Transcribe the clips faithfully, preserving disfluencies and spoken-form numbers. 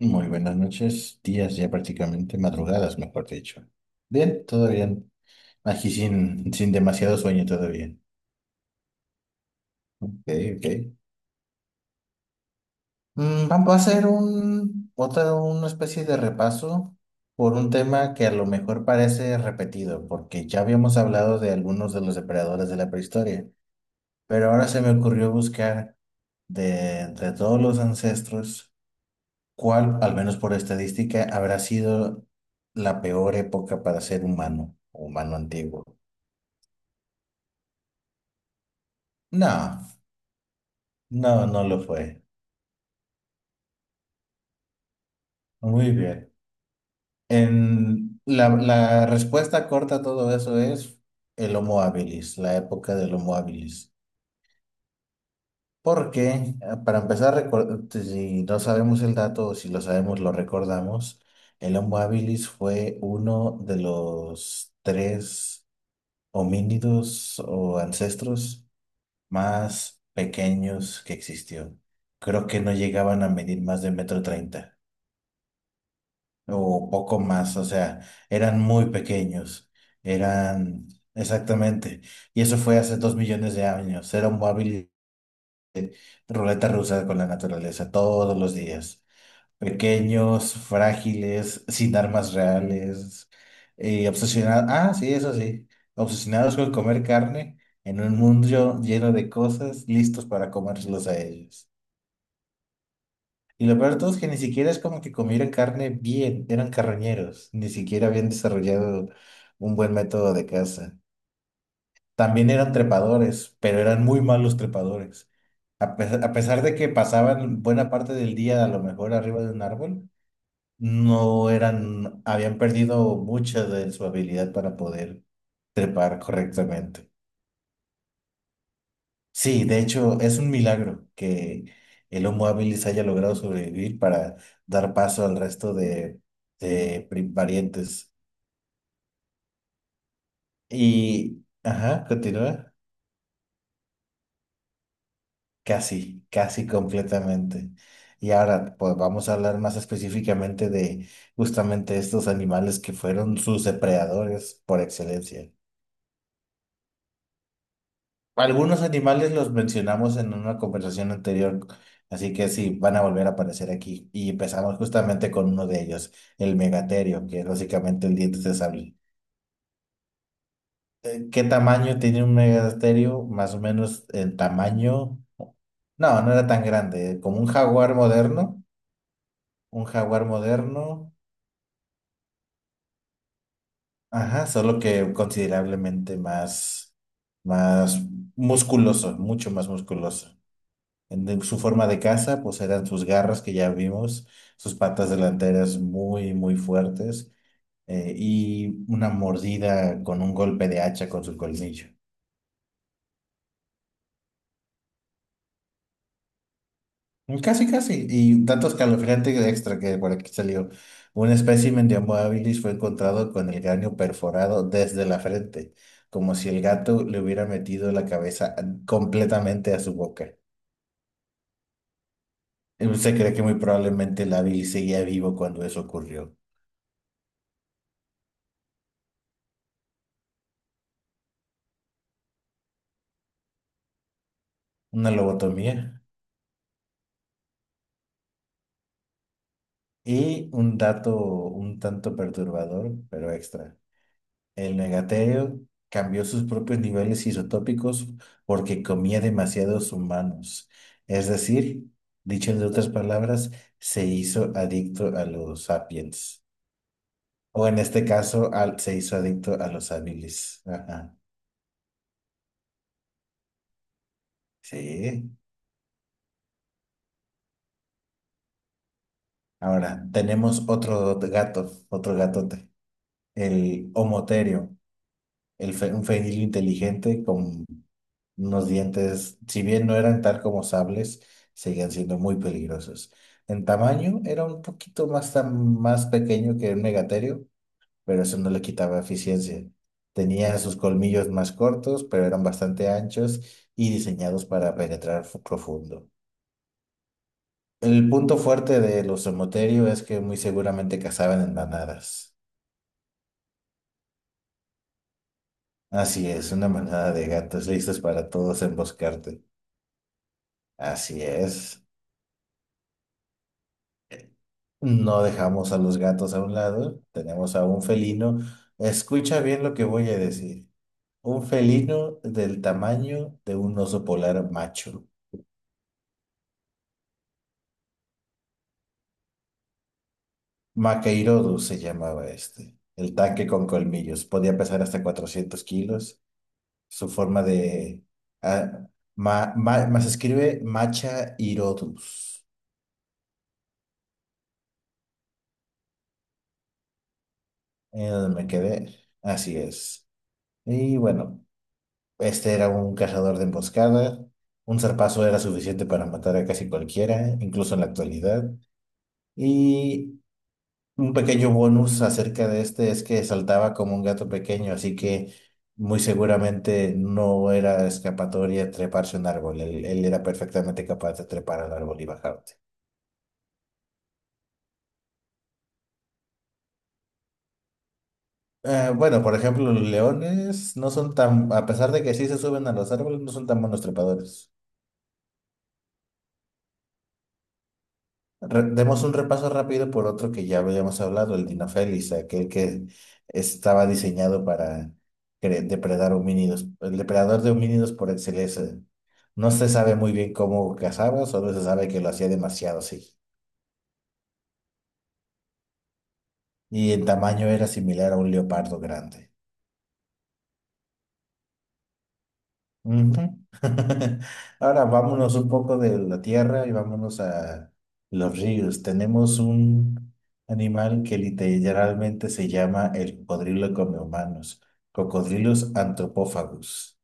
Muy buenas noches, días ya prácticamente, madrugadas mejor dicho. Bien, todo bien. Aquí sin, sin demasiado sueño, todo bien. Ok, ok. Mm, vamos a hacer un, otra, una especie de repaso por un tema que a lo mejor parece repetido, porque ya habíamos hablado de algunos de los depredadores de la prehistoria, pero ahora se me ocurrió buscar de, de todos los ancestros. ¿Cuál, al menos por estadística, habrá sido la peor época para ser humano, humano antiguo? No, no, no lo fue. Muy bien. En la, la respuesta corta a todo eso es el Homo habilis, la época del Homo habilis. Porque, eh, para empezar, recor- si no sabemos el dato o si lo sabemos, lo recordamos, el Homo habilis fue uno de los tres homínidos o ancestros más pequeños que existió. Creo que no llegaban a medir más de metro treinta o poco más, o sea, eran muy pequeños, eran exactamente. Y eso fue hace dos millones de años. Era un móvil ruleta rusa con la naturaleza todos los días. Pequeños, frágiles, sin armas reales, y obsesionados, ah, sí, eso sí, obsesionados con comer carne en un mundo lleno de cosas listos para comérselos a ellos. Y lo peor de todo es que ni siquiera es como que comieran carne bien, eran carroñeros, ni siquiera habían desarrollado un buen método de caza. También eran trepadores, pero eran muy malos trepadores. A pesar, a pesar de que pasaban buena parte del día a lo mejor arriba de un árbol, no eran, habían perdido mucha de su habilidad para poder trepar correctamente. Sí, de hecho, es un milagro que el Homo habilis haya logrado sobrevivir para dar paso al resto de, de pri- variantes. Y, ajá, continúa. Casi, casi completamente. Y ahora, pues vamos a hablar más específicamente de justamente estos animales que fueron sus depredadores por excelencia. Algunos animales los mencionamos en una conversación anterior, así que sí, van a volver a aparecer aquí. Y empezamos justamente con uno de ellos, el megaterio, que es básicamente el diente de sable. Eh, ¿Qué tamaño tiene un megaterio? Más o menos el tamaño. No, no era tan grande, como un jaguar moderno. Un jaguar moderno, ajá, solo que considerablemente más, más musculoso, mucho más musculoso. En de- su forma de caza, pues eran sus garras que ya vimos, sus patas delanteras muy, muy fuertes, eh, y una mordida con un golpe de hacha con su colmillo. Casi, casi. Y dato escalofriante extra que por aquí salió. Un espécimen de Homo habilis fue encontrado con el cráneo perforado desde la frente, como si el gato le hubiera metido la cabeza completamente a su boca. Eh, Se cree que muy probablemente el habilis seguía vivo cuando eso ocurrió. Una lobotomía. Y un dato un tanto perturbador, pero extra. El negaterio cambió sus propios niveles isotópicos porque comía demasiados humanos. Es decir, dicho de otras palabras, se hizo adicto a los sapiens. O en este caso, al- se hizo adicto a los habilis. Ajá. Sí. Ahora, tenemos otro gato, otro gatote, el homoterio, el fe- un fenil inteligente con unos dientes, si bien no eran tal como sables, seguían siendo muy peligrosos. En tamaño era un poquito más, tam- más pequeño que un megaterio, pero eso no le quitaba eficiencia. Tenía sus colmillos más cortos, pero eran bastante anchos y diseñados para penetrar fu- profundo. El punto fuerte de los somoterio es que muy seguramente cazaban en manadas. Así es, una manada de gatos listos para todos emboscarte. Así es. No dejamos a los gatos a un lado, tenemos a un felino. Escucha bien lo que voy a decir. Un felino del tamaño de un oso polar macho. Maqueirodus se llamaba este. El tanque con colmillos. Podía pesar hasta cuatrocientos kilos. Su forma de. ah, ma- ma- más escribe Machaeirodus. Eh, me quedé. Así es. Y bueno. Este era un cazador de emboscadas. Un zarpazo era suficiente para matar a casi cualquiera, incluso en la actualidad. Y un pequeño bonus acerca de este es que saltaba como un gato pequeño, así que muy seguramente no era escapatoria treparse a un árbol. Él, él era perfectamente capaz de trepar al árbol y bajarte. Eh, bueno, por ejemplo, los leones no son tan, a pesar de que sí se suben a los árboles, no son tan buenos trepadores. Re- Demos un repaso rápido por otro que ya habíamos hablado, el Dinofelis, aquel que estaba diseñado para cre- depredar homínidos, el depredador de homínidos por excelencia. No se sabe muy bien cómo cazaba, solo se sabe que lo hacía demasiado, sí. Y en tamaño era similar a un leopardo grande. Ujú. Ahora vámonos un poco de la tierra y vámonos a los ríos. Tenemos un animal que literalmente se llama el cocodrilo come humanos, cocodrilos antropófagos.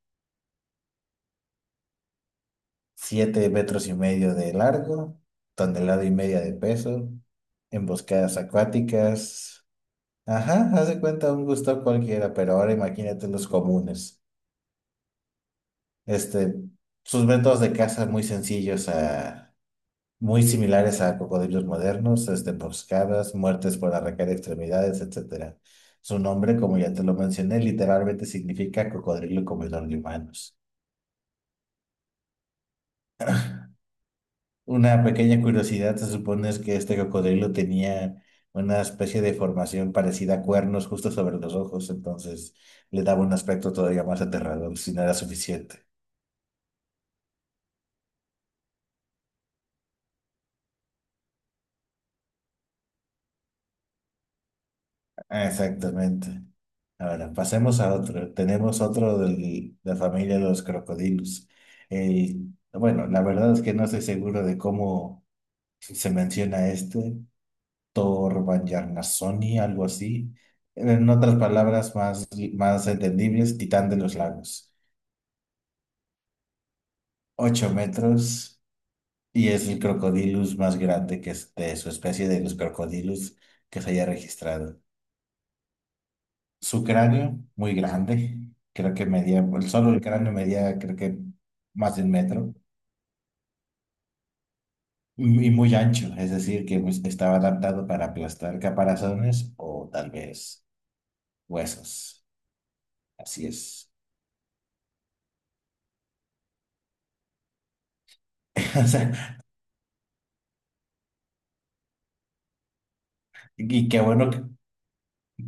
Siete metros y medio de largo, tonelada y media de peso, emboscadas acuáticas. Ajá, haz de cuenta un gusto cualquiera, pero ahora imagínate los comunes. Este, Sus métodos de caza muy sencillos a muy similares a cocodrilos modernos, este, emboscadas, muertes por arrancar extremidades, etcétera. Su nombre, como ya te lo mencioné, literalmente significa cocodrilo comedor de humanos. Una pequeña curiosidad se supone es que este cocodrilo tenía una especie de formación parecida a cuernos justo sobre los ojos, entonces le daba un aspecto todavía más aterrador, si no era suficiente. Ah, exactamente. Ahora, pasemos a otro. Tenemos otro de la familia de los crocodilos. El- bueno, la verdad es que no estoy seguro de cómo se menciona este, Torbayarnasoni, algo así. En otras palabras más, más entendibles, titán de los lagos. Ocho metros y es el crocodilus más grande que es de su especie de los crocodilus que se haya registrado. Su cráneo, muy grande, creo que medía, el solo el cráneo medía, creo que más de un metro, y muy ancho, es decir, que pues, estaba adaptado para aplastar caparazones o tal vez huesos. Así es. O sea, y qué bueno, que-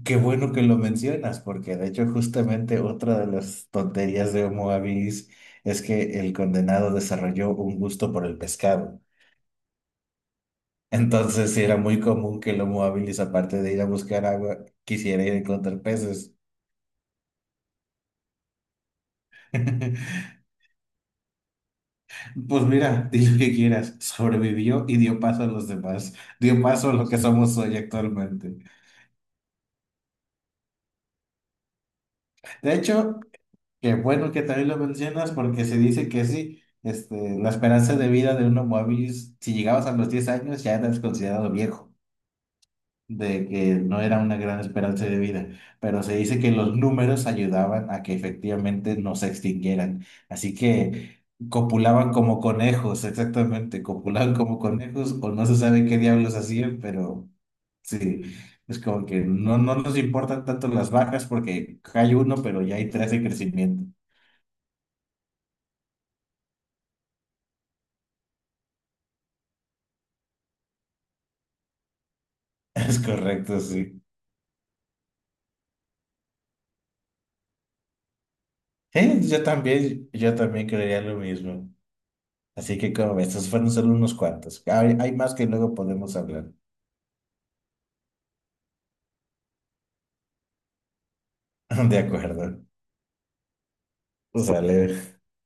qué bueno que lo mencionas, porque de hecho justamente otra de las tonterías de Homo habilis es que el condenado desarrolló un gusto por el pescado. Entonces, sí era muy común que el Homo habilis, aparte de ir a buscar agua, quisiera ir a encontrar peces. Pues mira, di lo que quieras, sobrevivió y dio paso a los demás, dio paso a lo que somos hoy actualmente. De hecho, qué bueno que también lo mencionas porque se dice que sí, este, la esperanza de vida de un Homo habilis, si llegabas a los diez años, ya eras considerado viejo. De que no era una gran esperanza de vida, pero se dice que los números ayudaban a que efectivamente no se extinguieran. Así que copulaban como conejos, exactamente, copulaban como conejos o no se sabe qué diablos hacían, pero sí, es como que no, no nos importan tanto las vacas porque hay uno, pero ya hay tres en crecimiento. Es correcto, sí. Eh, yo también, yo también creería lo mismo. Así que como ves, estos fueron solo unos cuantos. Hay, hay más que luego podemos hablar. De acuerdo. Sale.